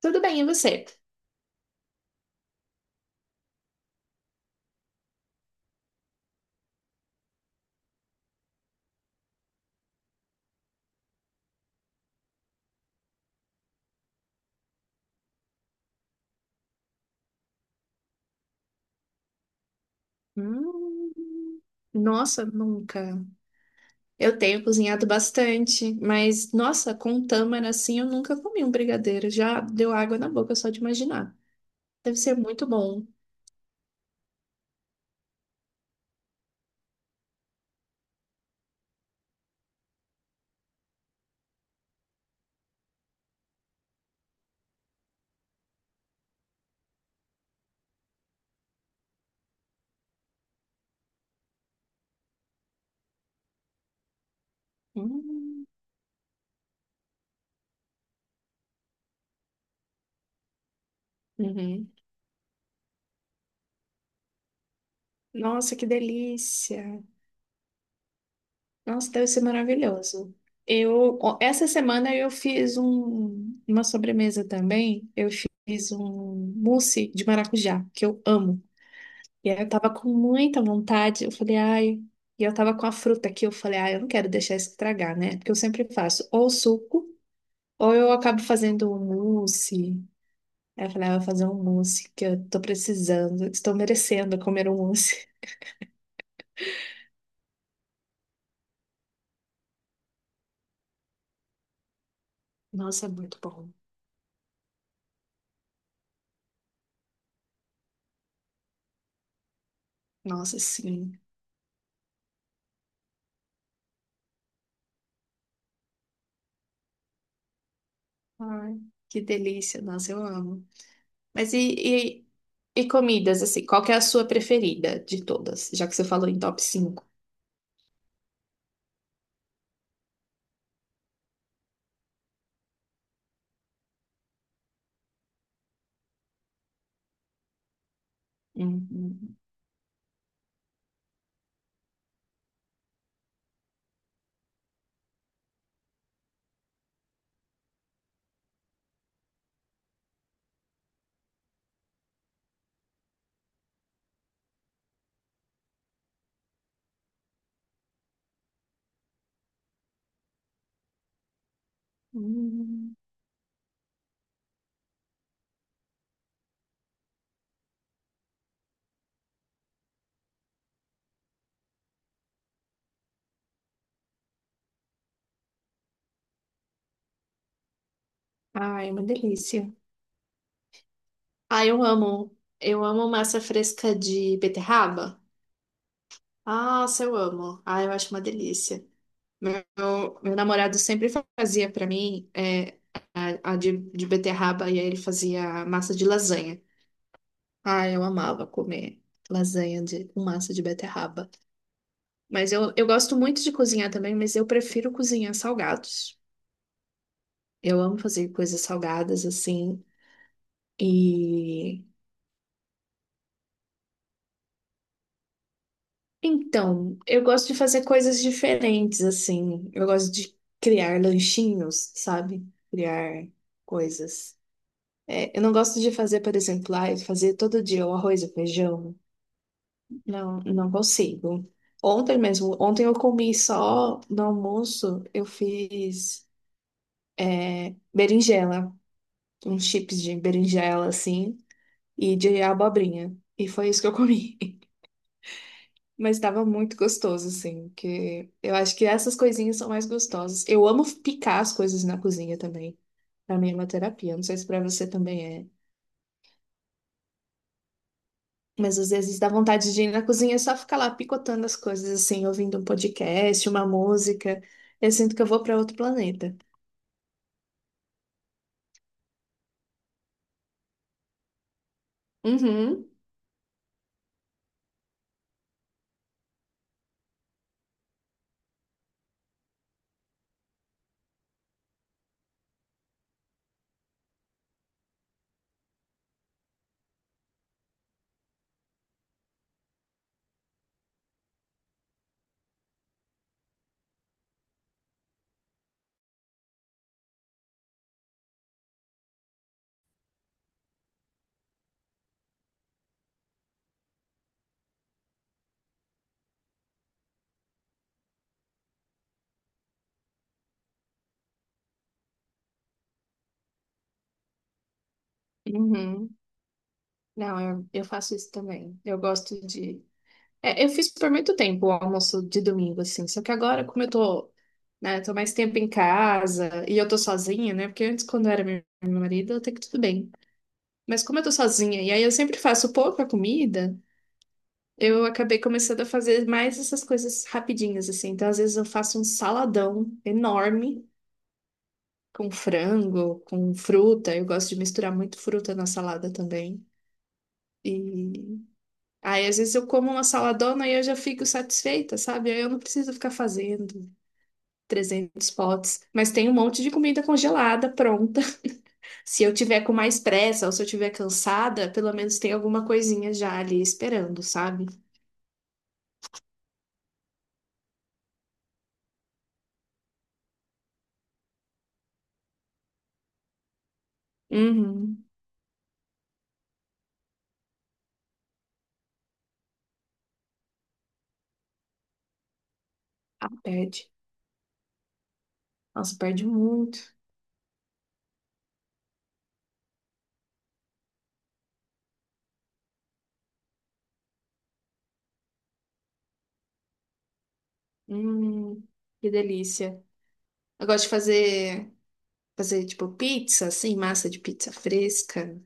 Tudo bem, e você? Hum. Nossa, nunca. Eu tenho cozinhado bastante, mas nossa, com tâmara assim eu nunca comi um brigadeiro. Já deu água na boca só de imaginar. Deve ser muito bom. Hum. Uhum. Nossa, que delícia! Nossa, deve ser maravilhoso. Eu, ó, essa semana eu fiz uma sobremesa também. Eu fiz um mousse de maracujá, que eu amo. E aí eu tava com muita vontade, eu falei, ai. E eu tava com a fruta aqui, eu falei, ai, eu não quero deixar isso estragar, né? Porque eu sempre faço ou suco, ou eu acabo fazendo um mousse. Aí eu falei, ah, eu vou fazer um mousse, que eu tô precisando, estou merecendo comer um mousse. Nossa, é muito bom. Nossa, sim. Ai, que delícia, nossa, eu amo. Mas e comidas, assim, qual que é a sua preferida de todas? Já que você falou em top cinco. Hum, hum, hum. Ai, é uma delícia. Ah, eu amo. Eu amo massa fresca de beterraba. Nossa, eu amo. Ah, eu acho uma delícia. Meu, meu namorado sempre fazia pra mim a de, beterraba e aí ele fazia massa de lasanha. Ah, eu amava comer lasanha de, com massa de beterraba. Mas eu gosto muito de cozinhar também, mas eu prefiro cozinhar salgados. Eu amo fazer coisas salgadas assim. E então, eu gosto de fazer coisas diferentes, assim. Eu gosto de criar lanchinhos, sabe? Criar coisas. É, eu não gosto de fazer, por exemplo, ah, fazer todo dia o arroz e feijão. Não consigo. Ontem mesmo, ontem eu comi só no almoço, eu fiz berinjela, uns chips de berinjela, assim, e de abobrinha. E foi isso que eu comi. Mas estava muito gostoso, assim, que eu acho que essas coisinhas são mais gostosas. Eu amo picar as coisas na cozinha também. Pra mim é uma terapia, não sei se pra você também é. Mas às vezes dá vontade de ir na cozinha e só ficar lá picotando as coisas, assim, ouvindo um podcast, uma música. Eu sinto que eu vou pra outro planeta. Uhum, uhum. Não, eu faço isso também. Eu gosto de é, eu fiz por muito tempo o almoço de domingo, assim. Só que agora, como eu tô, né, tô mais tempo em casa e eu tô sozinha, né? Porque antes, quando era meu marido, até que tudo bem. Mas como eu tô sozinha e aí eu sempre faço pouca comida, eu acabei começando a fazer mais essas coisas rapidinhas, assim. Então, às vezes eu faço um saladão enorme com frango, com fruta. Eu gosto de misturar muito fruta na salada também. E aí, às vezes eu como uma saladona e eu já fico satisfeita, sabe? Aí eu não preciso ficar fazendo 300 potes, mas tem um monte de comida congelada pronta. Se eu tiver com mais pressa ou se eu tiver cansada, pelo menos tem alguma coisinha já ali esperando, sabe? Uhum. Ah, perde. Nossa, perde muito. Hum, que delícia. Eu gosto de fazer tipo pizza, assim, massa de pizza fresca.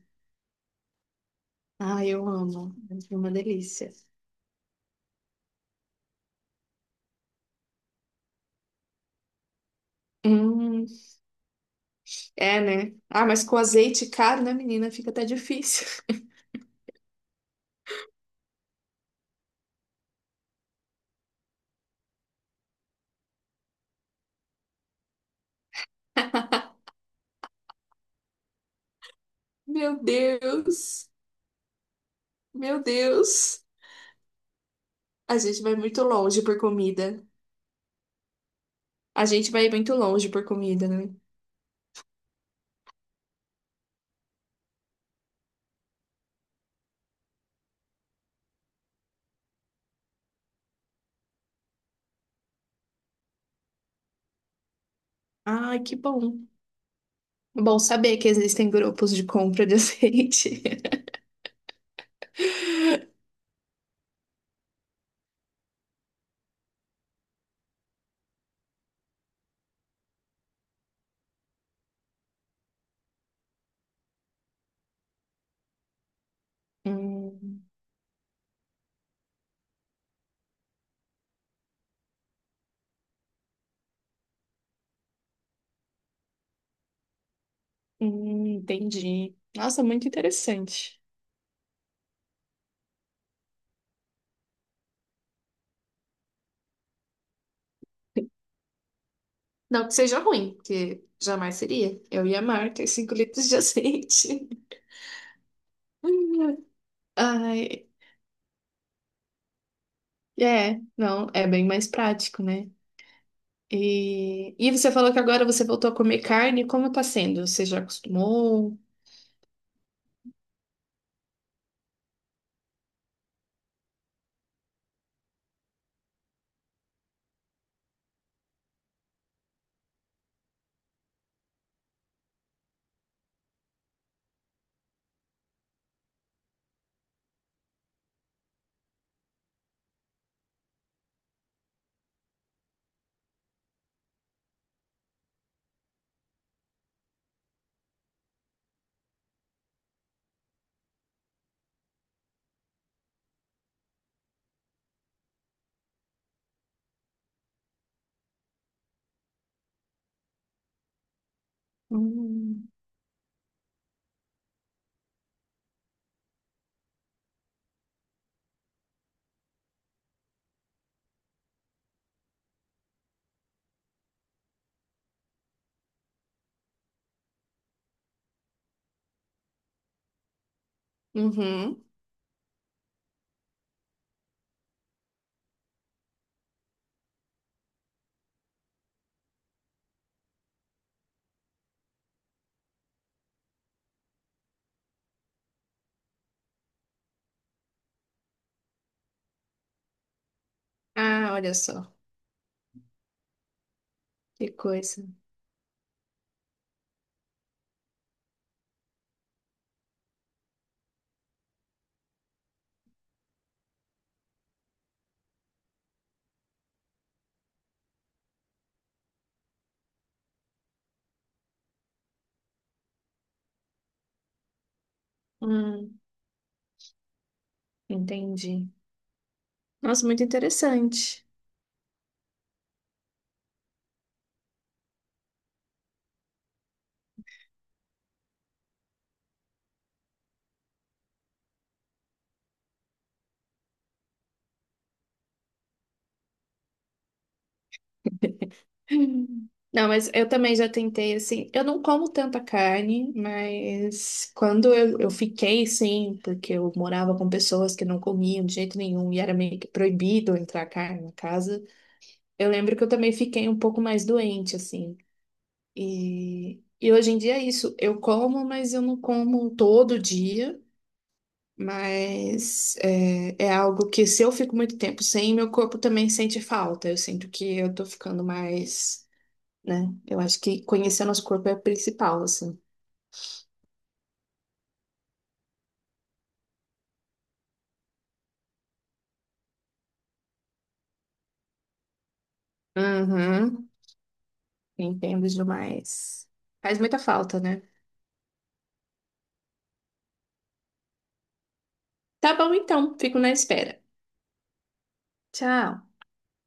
Ah, eu amo. É uma delícia. Hum, é, né? Ah, mas com azeite caro, né, menina? Fica até difícil. Meu Deus. Meu Deus. A gente vai muito longe por comida. A gente vai muito longe por comida, né? Ai, que bom. Bom saber que existem grupos de compra de azeite. Hum, entendi. Nossa, muito interessante. Não que seja ruim, porque jamais seria. Eu ia amar ter 5 litros de azeite. Ai, é, não, é bem mais prático, né? E você falou que agora você voltou a comer carne, como tá sendo? Você já acostumou? Hum. Uhum. Ah, olha só, que coisa. Hum, entendi. Nossa, muito interessante. Hum. Não, mas eu também já tentei, assim, eu não como tanta carne, mas quando eu fiquei, sim, porque eu morava com pessoas que não comiam de jeito nenhum e era meio que proibido entrar carne na casa, eu lembro que eu também fiquei um pouco mais doente, assim. E hoje em dia é isso, eu como, mas eu não como todo dia. Mas é algo que se eu fico muito tempo sem, meu corpo também sente falta. Eu sinto que eu tô ficando mais, né? Eu acho que conhecer nosso corpo é o principal, assim. Uhum. Entendo demais. Faz muita falta, né? Tá bom, então. Fico na espera. Tchau.